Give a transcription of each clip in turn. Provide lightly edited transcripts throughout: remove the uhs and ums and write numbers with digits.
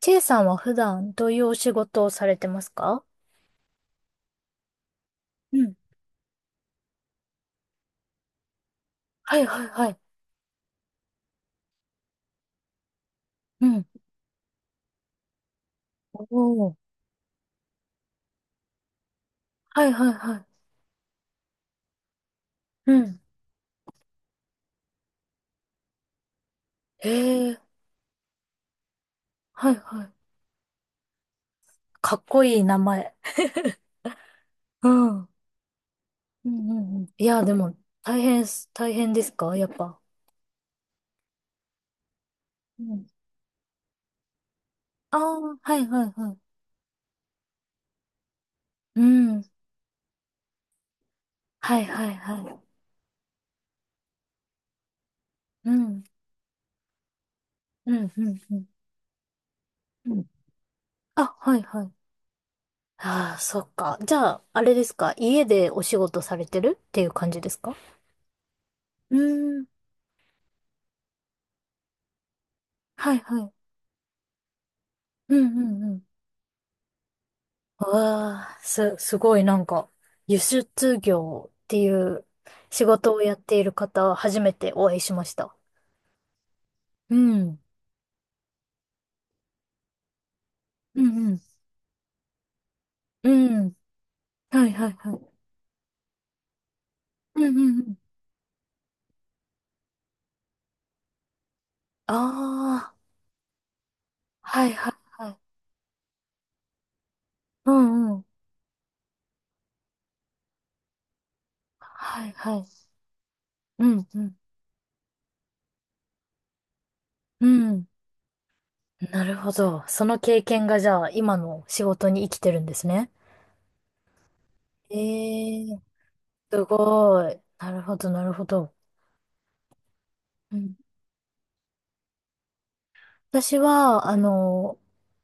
チェイさんは普段どういうお仕事をされてますか？うん。はいはいはい。うん。おー。はいはいはい。うん。へえ。はいはい。かっこいい名前。うん。うんうんうん。いや、でも、大変ですかやっぱ？うん。ああ、はいはいはい。うん。はいはいはい。うん。うんうんうん。うん。あ、はいはい。ああ、そっか。じゃあ、あれですか、家でお仕事されてるっていう感じですか？うーん。はいはい。うんうんうん。ああ、すごいなんか、輸出業っていう仕事をやっている方、初めてお会いしました。うん。うんうん。うん。はいはいはい。うんうんうん。ああ、はいはいはい。うんうん。はいはい。うんうん。うん。なるほど。その経験がじゃあ、今の仕事に生きてるんですね。ええ、すごい。なるほどなるほど。うん。私は、あの、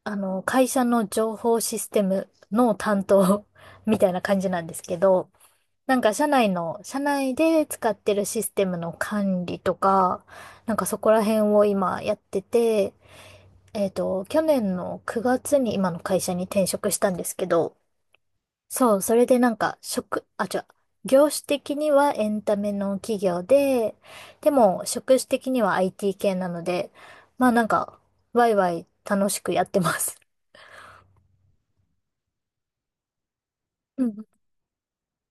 あの、会社の情報システムの担当 みたいな感じなんですけど、なんか社内で使ってるシステムの管理とか、なんかそこら辺を今やってて、去年の9月に今の会社に転職したんですけど、そう、それでなんか、職、あ、違う、業種的にはエンタメの企業で、でも、職種的には IT 系なので、まあなんか、ワイワイ楽しくやってます。うん。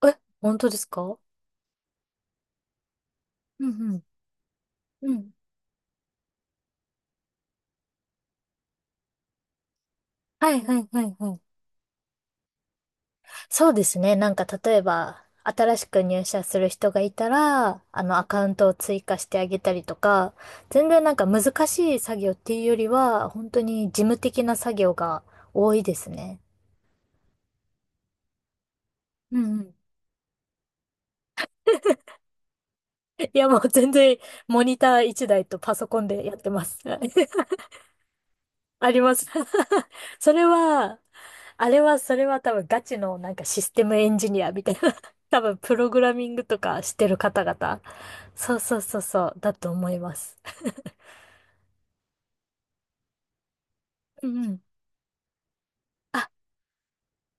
え、本当ですか？うんうん。うん。はいはいはいはい。そうですね。なんか、例えば、新しく入社する人がいたら、アカウントを追加してあげたりとか、全然なんか難しい作業っていうよりは、本当に事務的な作業が多いですね。うんうん。いや、もう全然、モニター一台とパソコンでやってます。あります。それは、それは多分ガチのなんかシステムエンジニアみたいな。多分プログラミングとかしてる方々。そうそうそうそう、だと思います。うんうん。あ、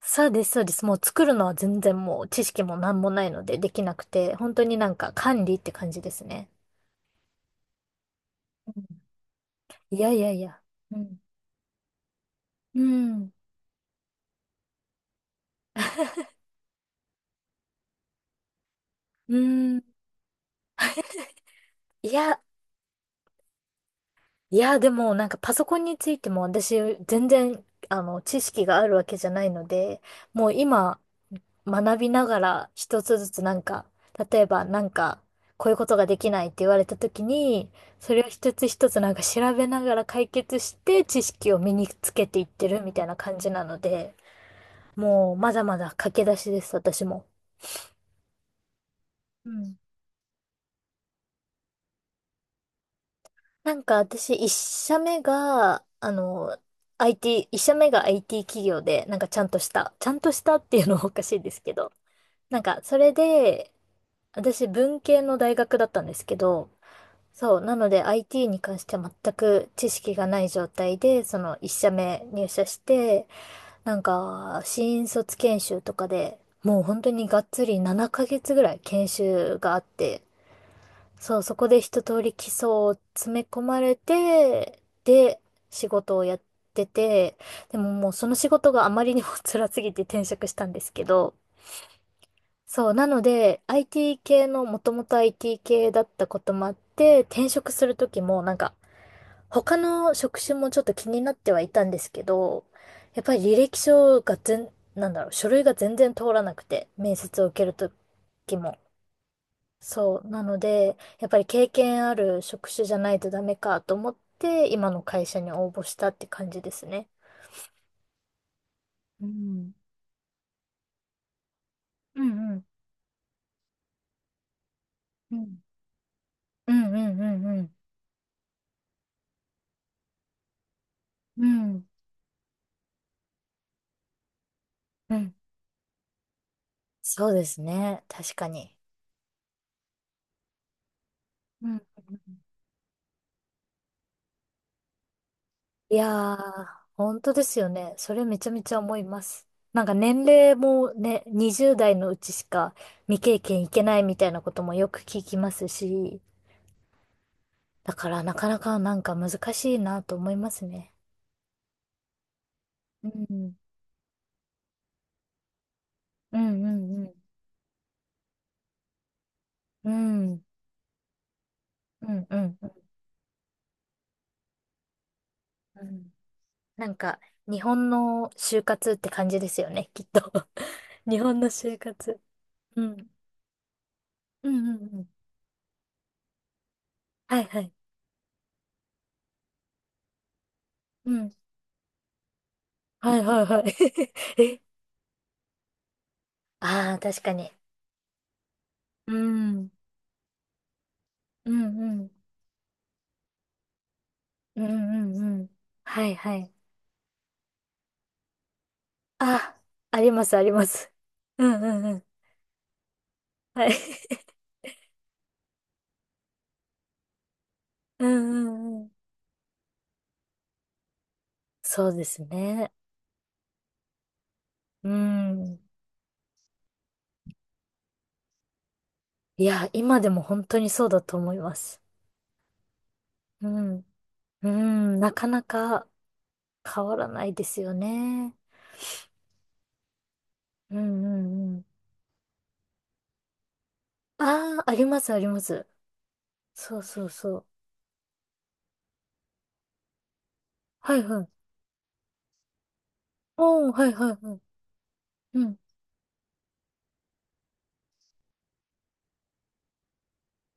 そうです、そうです。もう作るのは全然もう知識もなんもないのでできなくて、本当になんか管理って感じですね。うん。いやいやいや。うん。うん。うん。いや、いや、でもなんかパソコンについても私全然知識があるわけじゃないので、もう今学びながら一つずつなんか、例えばなんかこういうことができないって言われた時に、それを一つ一つなんか調べながら解決して知識を身につけていってるみたいな感じなので、もうまだまだ駆け出しです、私も。うん。なんか私、一社目が、IT、一社目が IT 企業で、なんかちゃんとした、ちゃんとしたっていうのは おかしいですけど、なんかそれで、私文系の大学だったんですけど、そう、なので IT に関しては全く知識がない状態で、その一社目入社して、なんか新卒研修とかでもう本当にがっつり7ヶ月ぐらい研修があって、そう、そこで一通り基礎を詰め込まれて、で、仕事をやってて、でももうその仕事があまりにも 辛すぎて転職したんですけど、そう、なので、IT 系の、もともと IT 系だったこともあって、転職するときも、なんか、他の職種もちょっと気になってはいたんですけど、やっぱり履歴書が全、なんだろう、書類が全然通らなくて、面接を受けるときも。そう。なので、やっぱり経験ある職種じゃないとダメかと思って、今の会社に応募したって感じですね。うん。うんうん。うん。うんうんうんうん。うん。うん。そうですね。確かに。うん。いやー、本当ですよね。それめちゃめちゃ思います。なんか年齢もね、20代のうちしか未経験いけないみたいなこともよく聞きますし、だからなかなかなんか難しいなと思いますね。うん。うんうんうん。うんうんうんうん。なんか、日本の就活って感じですよね、きっと。日本の就活。うん。うんうんうん。はいはい。うん。はいはいはい。え、ああ、確かに。うん。うんうん。うんうんうん。はいはい。あ、ありますあります。うんうんうん。はい。うんうんうん。そうですね。うん。いや、今でも本当にそうだと思います。うん。うん、なかなか変わらないですよね。うんうんうん。ああ、ありますあります。そうそうそう。はいはい。おー、はいはいはい。うん、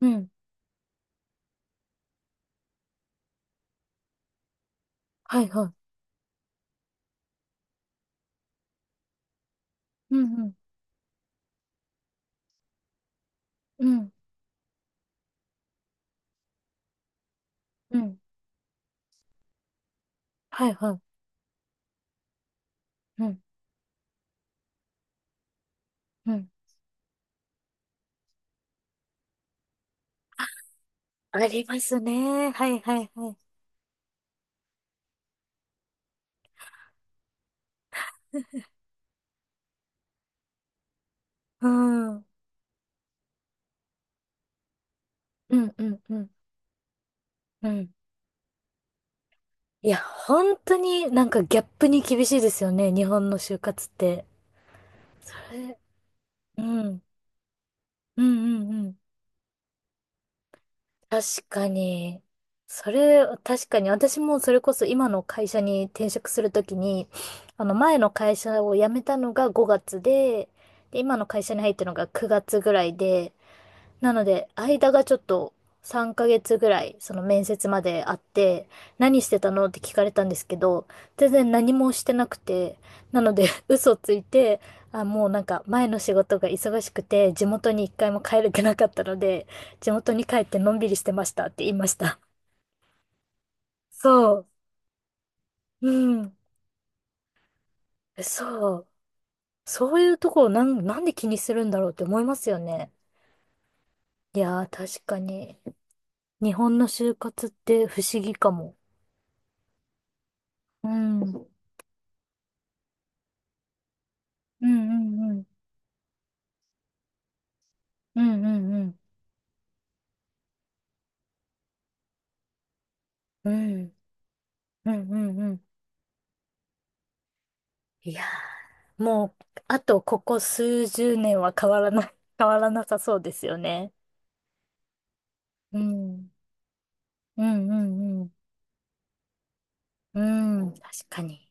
うん。はいはい。うんうん、うん、うん。はいはい。うん、うん。ありますね。はいはいはい。うん、うんうんうん、うん。いや、本当になんかギャップに厳しいですよね。日本の就活って。それ、うん、うんうんうん。確かに。それ、確かに。私もそれこそ今の会社に転職するときに、あの前の会社を辞めたのが5月で、で、今の会社に入ったのが9月ぐらいで、なので、間がちょっと3ヶ月ぐらい、その面接まであって、何してたのって聞かれたんですけど、全然何もしてなくて、なので、嘘ついて、あ、もうなんか前の仕事が忙しくて、地元に一回も帰れてなかったので、地元に帰ってのんびりしてましたって言いました。そう。うん。そう。そういうところなんで気にするんだろうって思いますよね。いやー、確かに。日本の就活って不思議かも。うん。うんうんうん。うんうんうん。うんうんうんうん。いやー、もう、あとここ数十年は変わらない、変わらなさそうですよね。うん。うんうんうん。うん、確かに。